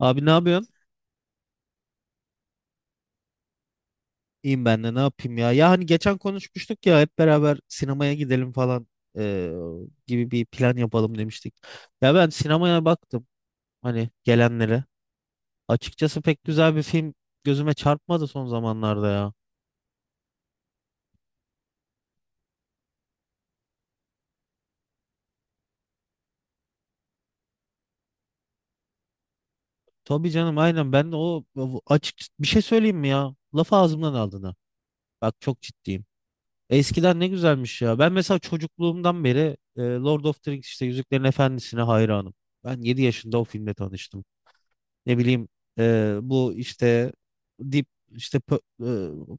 Abi ne yapıyorsun? İyiyim ben de ne yapayım ya. Ya hani geçen konuşmuştuk ya, hep beraber sinemaya gidelim falan, eee, gibi bir plan yapalım demiştik. Ya ben sinemaya baktım hani gelenlere. Açıkçası pek güzel bir film gözüme çarpmadı son zamanlarda ya. Tabii canım, aynen ben de o açık bir şey söyleyeyim mi ya? Lafı ağzımdan aldın ha. Bak çok ciddiyim. Eskiden ne güzelmiş ya. Ben mesela çocukluğumdan beri Lord of the Rings, işte Yüzüklerin Efendisi'ne hayranım. Ben 7 yaşında o filmle tanıştım. Ne bileyim, bu işte Deep, işte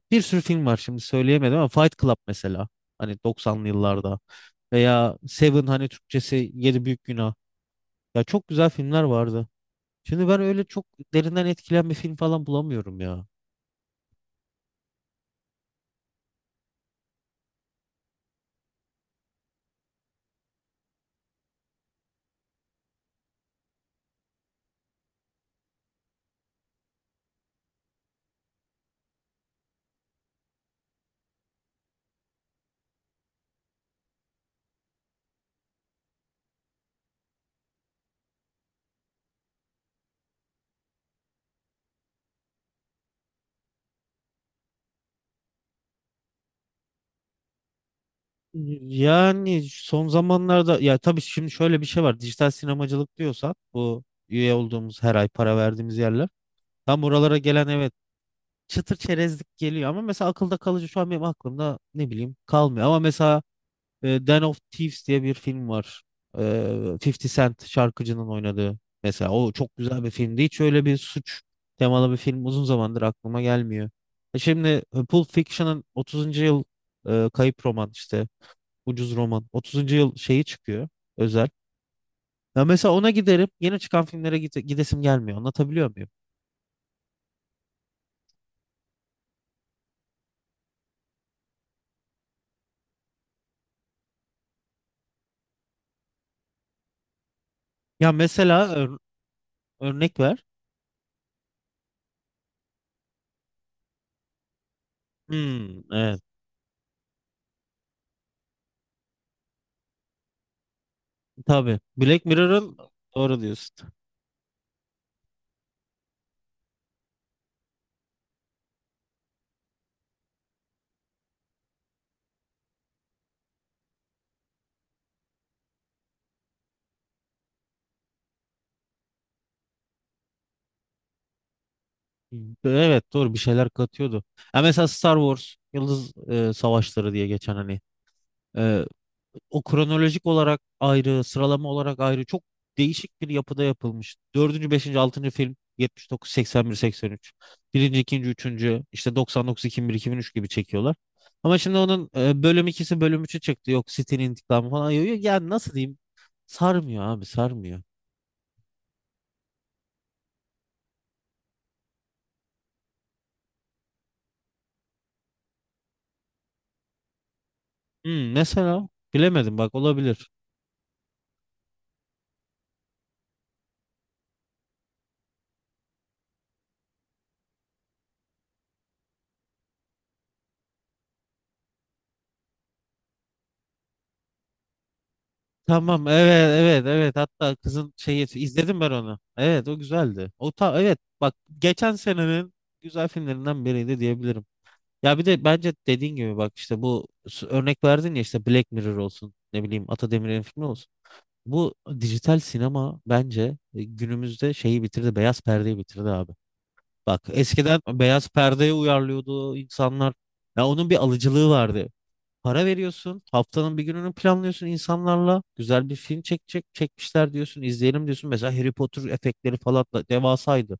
bir sürü film var, şimdi söyleyemedim ama Fight Club mesela, hani 90'lı yıllarda, veya Seven, hani Türkçesi Yedi Büyük Günah. Ya çok güzel filmler vardı. Şimdi ben öyle çok derinden etkilen bir film falan bulamıyorum ya. Yani son zamanlarda, ya tabii şimdi şöyle bir şey var. Dijital sinemacılık diyorsak, bu üye olduğumuz, her ay para verdiğimiz yerler. Tam oralara gelen, evet, çıtır çerezlik geliyor ama mesela akılda kalıcı, şu an benim aklımda ne bileyim kalmıyor. Ama mesela Den of Thieves diye bir film var. E, 50 Cent şarkıcının oynadığı. Mesela o çok güzel bir filmdi. Hiç öyle bir suç temalı bir film uzun zamandır aklıma gelmiyor. Şimdi, Pulp Fiction'ın 30. yıl, kayıp roman, işte ucuz roman 30. yıl şeyi çıkıyor özel. Ya mesela ona giderim, yeni çıkan filmlere gidesim gelmiyor, anlatabiliyor muyum? Ya mesela örnek ver. Hmm, e, Tabii. Black Mirror'ın, doğru diyorsun. Evet, doğru bir şeyler katıyordu. Ya mesela Star Wars, Yıldız Savaşları diye geçen, hani e, o, kronolojik olarak ayrı, sıralama olarak ayrı, çok değişik bir yapıda yapılmış. Dördüncü, beşinci, altıncı film 79, 81, 83. Birinci, ikinci, üçüncü işte 99, 2001, 2003 gibi çekiyorlar. Ama şimdi onun bölüm ikisi, bölüm üçü çıktı. Yok City'nin intikamı falan. Yok, yok. Yani nasıl diyeyim? Sarmıyor abi, sarmıyor. Mesela bilemedim, bak olabilir. Tamam, evet, evet, evet, hatta kızın şeyi izledim ben onu. Evet o güzeldi. O, evet, bak geçen senenin güzel filmlerinden biriydi diyebilirim. Ya bir de bence dediğin gibi, bak işte bu örnek verdin ya, işte Black Mirror olsun, ne bileyim Ata Demirer'in filmi olsun. Bu dijital sinema bence günümüzde şeyi bitirdi, beyaz perdeyi bitirdi abi. Bak eskiden beyaz perdeye uyarlıyordu insanlar. Ya onun bir alıcılığı vardı. Para veriyorsun, haftanın bir gününü planlıyorsun insanlarla. Güzel bir film çekecek, çekmişler diyorsun, izleyelim diyorsun. Mesela Harry Potter efektleri falan da devasaydı.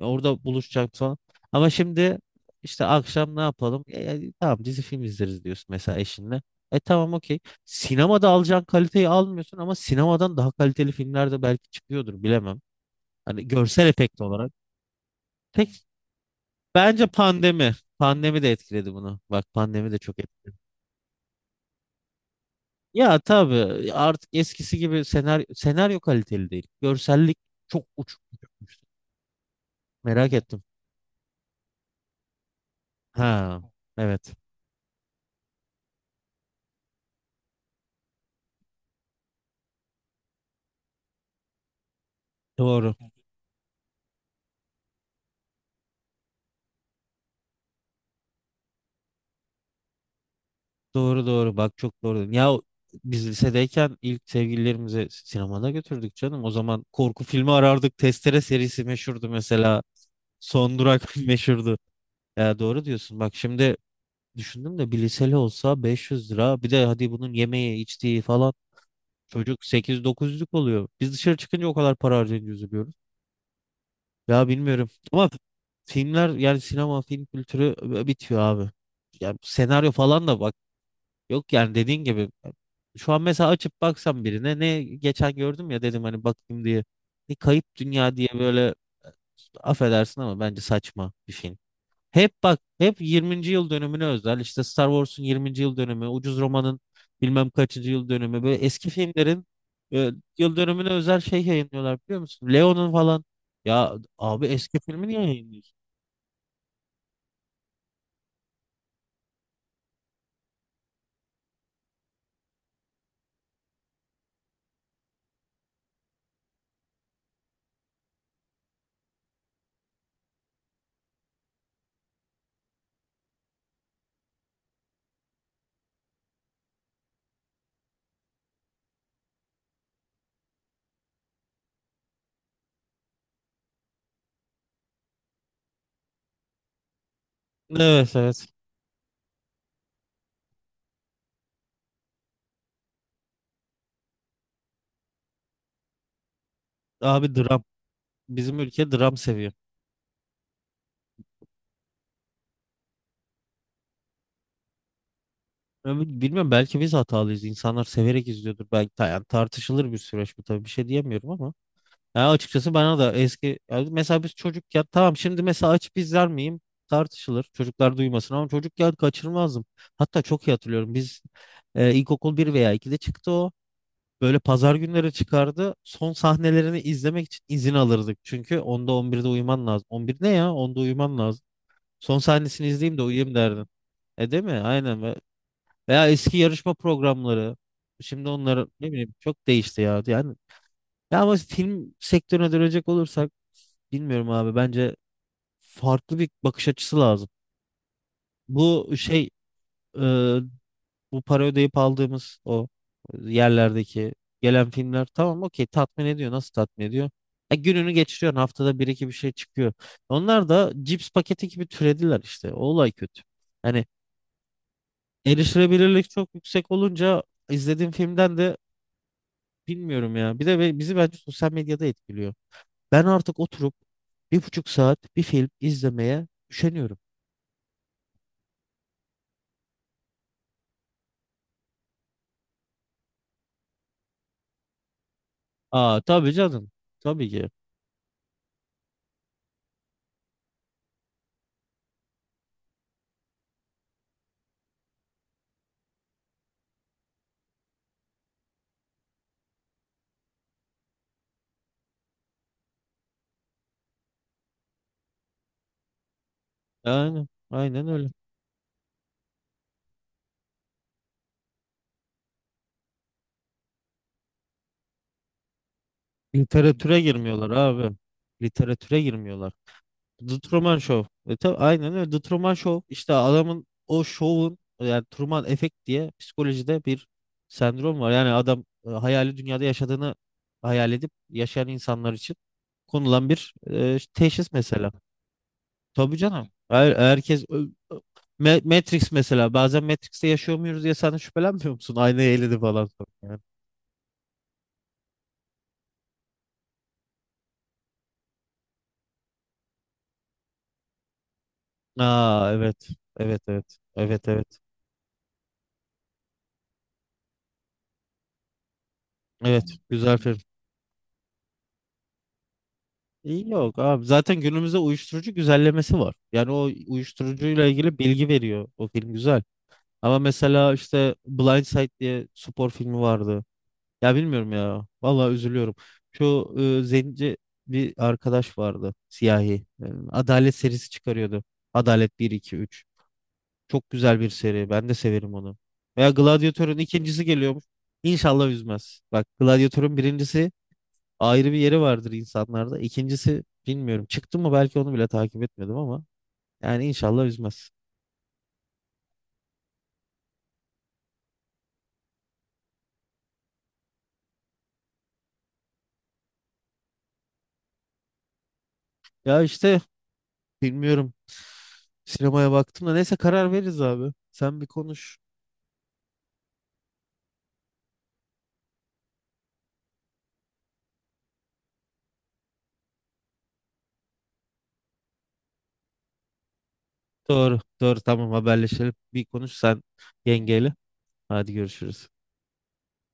Ya orada buluşacak falan. Ama şimdi işte akşam ne yapalım? Tamam, dizi film izleriz diyorsun mesela eşinle. Tamam, okey. Sinemada alacağın kaliteyi almıyorsun ama sinemadan daha kaliteli filmler de belki çıkıyordur, bilemem. Hani görsel efekt olarak. Tek bence pandemi. Pandemi de etkiledi bunu. Bak pandemi de çok etkiledi. Ya tabii artık eskisi gibi senaryo, senaryo kaliteli değil. Görsellik çok uçuk. Merak ettim. Ha, evet. Doğru. Doğru, doğru. Bak çok doğru dedin. Ya biz lisedeyken ilk sevgililerimizi sinemada götürdük canım. O zaman korku filmi arardık. Testere serisi meşhurdu mesela. Son Durak meşhurdu. Ya doğru diyorsun. Bak şimdi düşündüm de, bir liseli olsa 500 lira. Bir de hadi bunun yemeği, içtiği falan. Çocuk 8-9'luk oluyor. Biz dışarı çıkınca o kadar para harcayınca üzülüyoruz. Ya bilmiyorum ama filmler, yani sinema film kültürü bitiyor abi. Yani senaryo falan da bak yok, yani dediğin gibi, şu an mesela açıp baksam birine, ne geçen gördüm ya dedim hani bakayım diye. Ne Kayıp Dünya diye böyle, e, affedersin ama bence saçma bir film. Hep bak, hep 20. yıl dönümüne özel, işte Star Wars'un 20. yıl dönümü, Ucuz Roman'ın bilmem kaçıncı yıl dönümü, böyle eski filmlerin e, yıl dönümüne özel şey yayınlıyorlar, biliyor musun? Leon'un falan. Ya abi, eski filmi niye yayınlıyorsun? Evet, evet. Abi dram. Bizim ülke dram seviyor. Ben bilmiyorum, belki biz hatalıyız. İnsanlar severek izliyordur belki. Yani tartışılır bir süreç bu, tabii bir şey diyemiyorum ama. Ya açıkçası bana da eski, ya mesela biz çocukken tamam, şimdi mesela açıp izler miyim tartışılır, çocuklar duymasın, ama çocukken kaçırmazdım. Hatta çok iyi hatırlıyorum, biz ilkokul bir veya ikide çıktı o, böyle pazar günleri çıkardı, son sahnelerini izlemek için izin alırdık çünkü onda 11'de uyuman lazım, 11 ne ya, 10'da uyuman lazım, son sahnesini izleyeyim de uyuyayım derdin, değil mi, aynen. Veya eski yarışma programları, şimdi onlar ne bileyim çok değişti ya yani. Ya ama film sektörüne dönecek olursak, bilmiyorum abi, bence farklı bir bakış açısı lazım. Bu şey, e, bu para ödeyip aldığımız o yerlerdeki gelen filmler, tamam, okey, tatmin ediyor. Nasıl tatmin ediyor? Gününü geçiriyorsun, haftada bir iki bir şey çıkıyor. Onlar da cips paketi gibi türediler işte. O olay kötü. Hani erişilebilirlik çok yüksek olunca, izlediğim filmden de bilmiyorum ya. Bir de bizi bence sosyal medyada etkiliyor. Ben artık oturup 1,5 saat bir film izlemeye üşeniyorum. Aa tabii canım. Tabii ki. Yani aynen öyle. Literatüre girmiyorlar abi. Literatüre girmiyorlar. The Truman Show. Tabii, aynen öyle. The Truman Show. İşte adamın o şovun, yani Truman Efekt diye psikolojide bir sendrom var. Yani adam hayali dünyada yaşadığını hayal edip yaşayan insanlar için konulan bir teşhis mesela. Tabii canım. Herkes, Matrix mesela, bazen Matrix'te yaşıyor muyuz diye sen de şüphelenmiyor musun? Aynayı eledi falan sonra yani. Aa, evet. Evet, evet. Evet, evet. Evet, güzel film. İyi yok abi, zaten günümüzde uyuşturucu güzellemesi var. Yani o uyuşturucuyla ilgili bilgi veriyor. O film güzel. Ama mesela işte Blind Side diye spor filmi vardı. Ya bilmiyorum ya. Vallahi üzülüyorum. Şu, zenci bir arkadaş vardı. Siyahi. Adalet serisi çıkarıyordu. Adalet bir, iki, üç. Çok güzel bir seri. Ben de severim onu. Veya Gladiator'un ikincisi geliyormuş. İnşallah üzmez. Bak Gladiator'un birincisi ayrı bir yeri vardır insanlarda. İkincisi bilmiyorum. Çıktı mı, belki onu bile takip etmedim ama. Yani inşallah üzmez. Ya işte bilmiyorum. Sinemaya baktım da neyse karar veririz abi. Sen bir konuş. Doğru, doğru. Tamam haberleşelim. Bir konuş sen yengeyle. Hadi görüşürüz.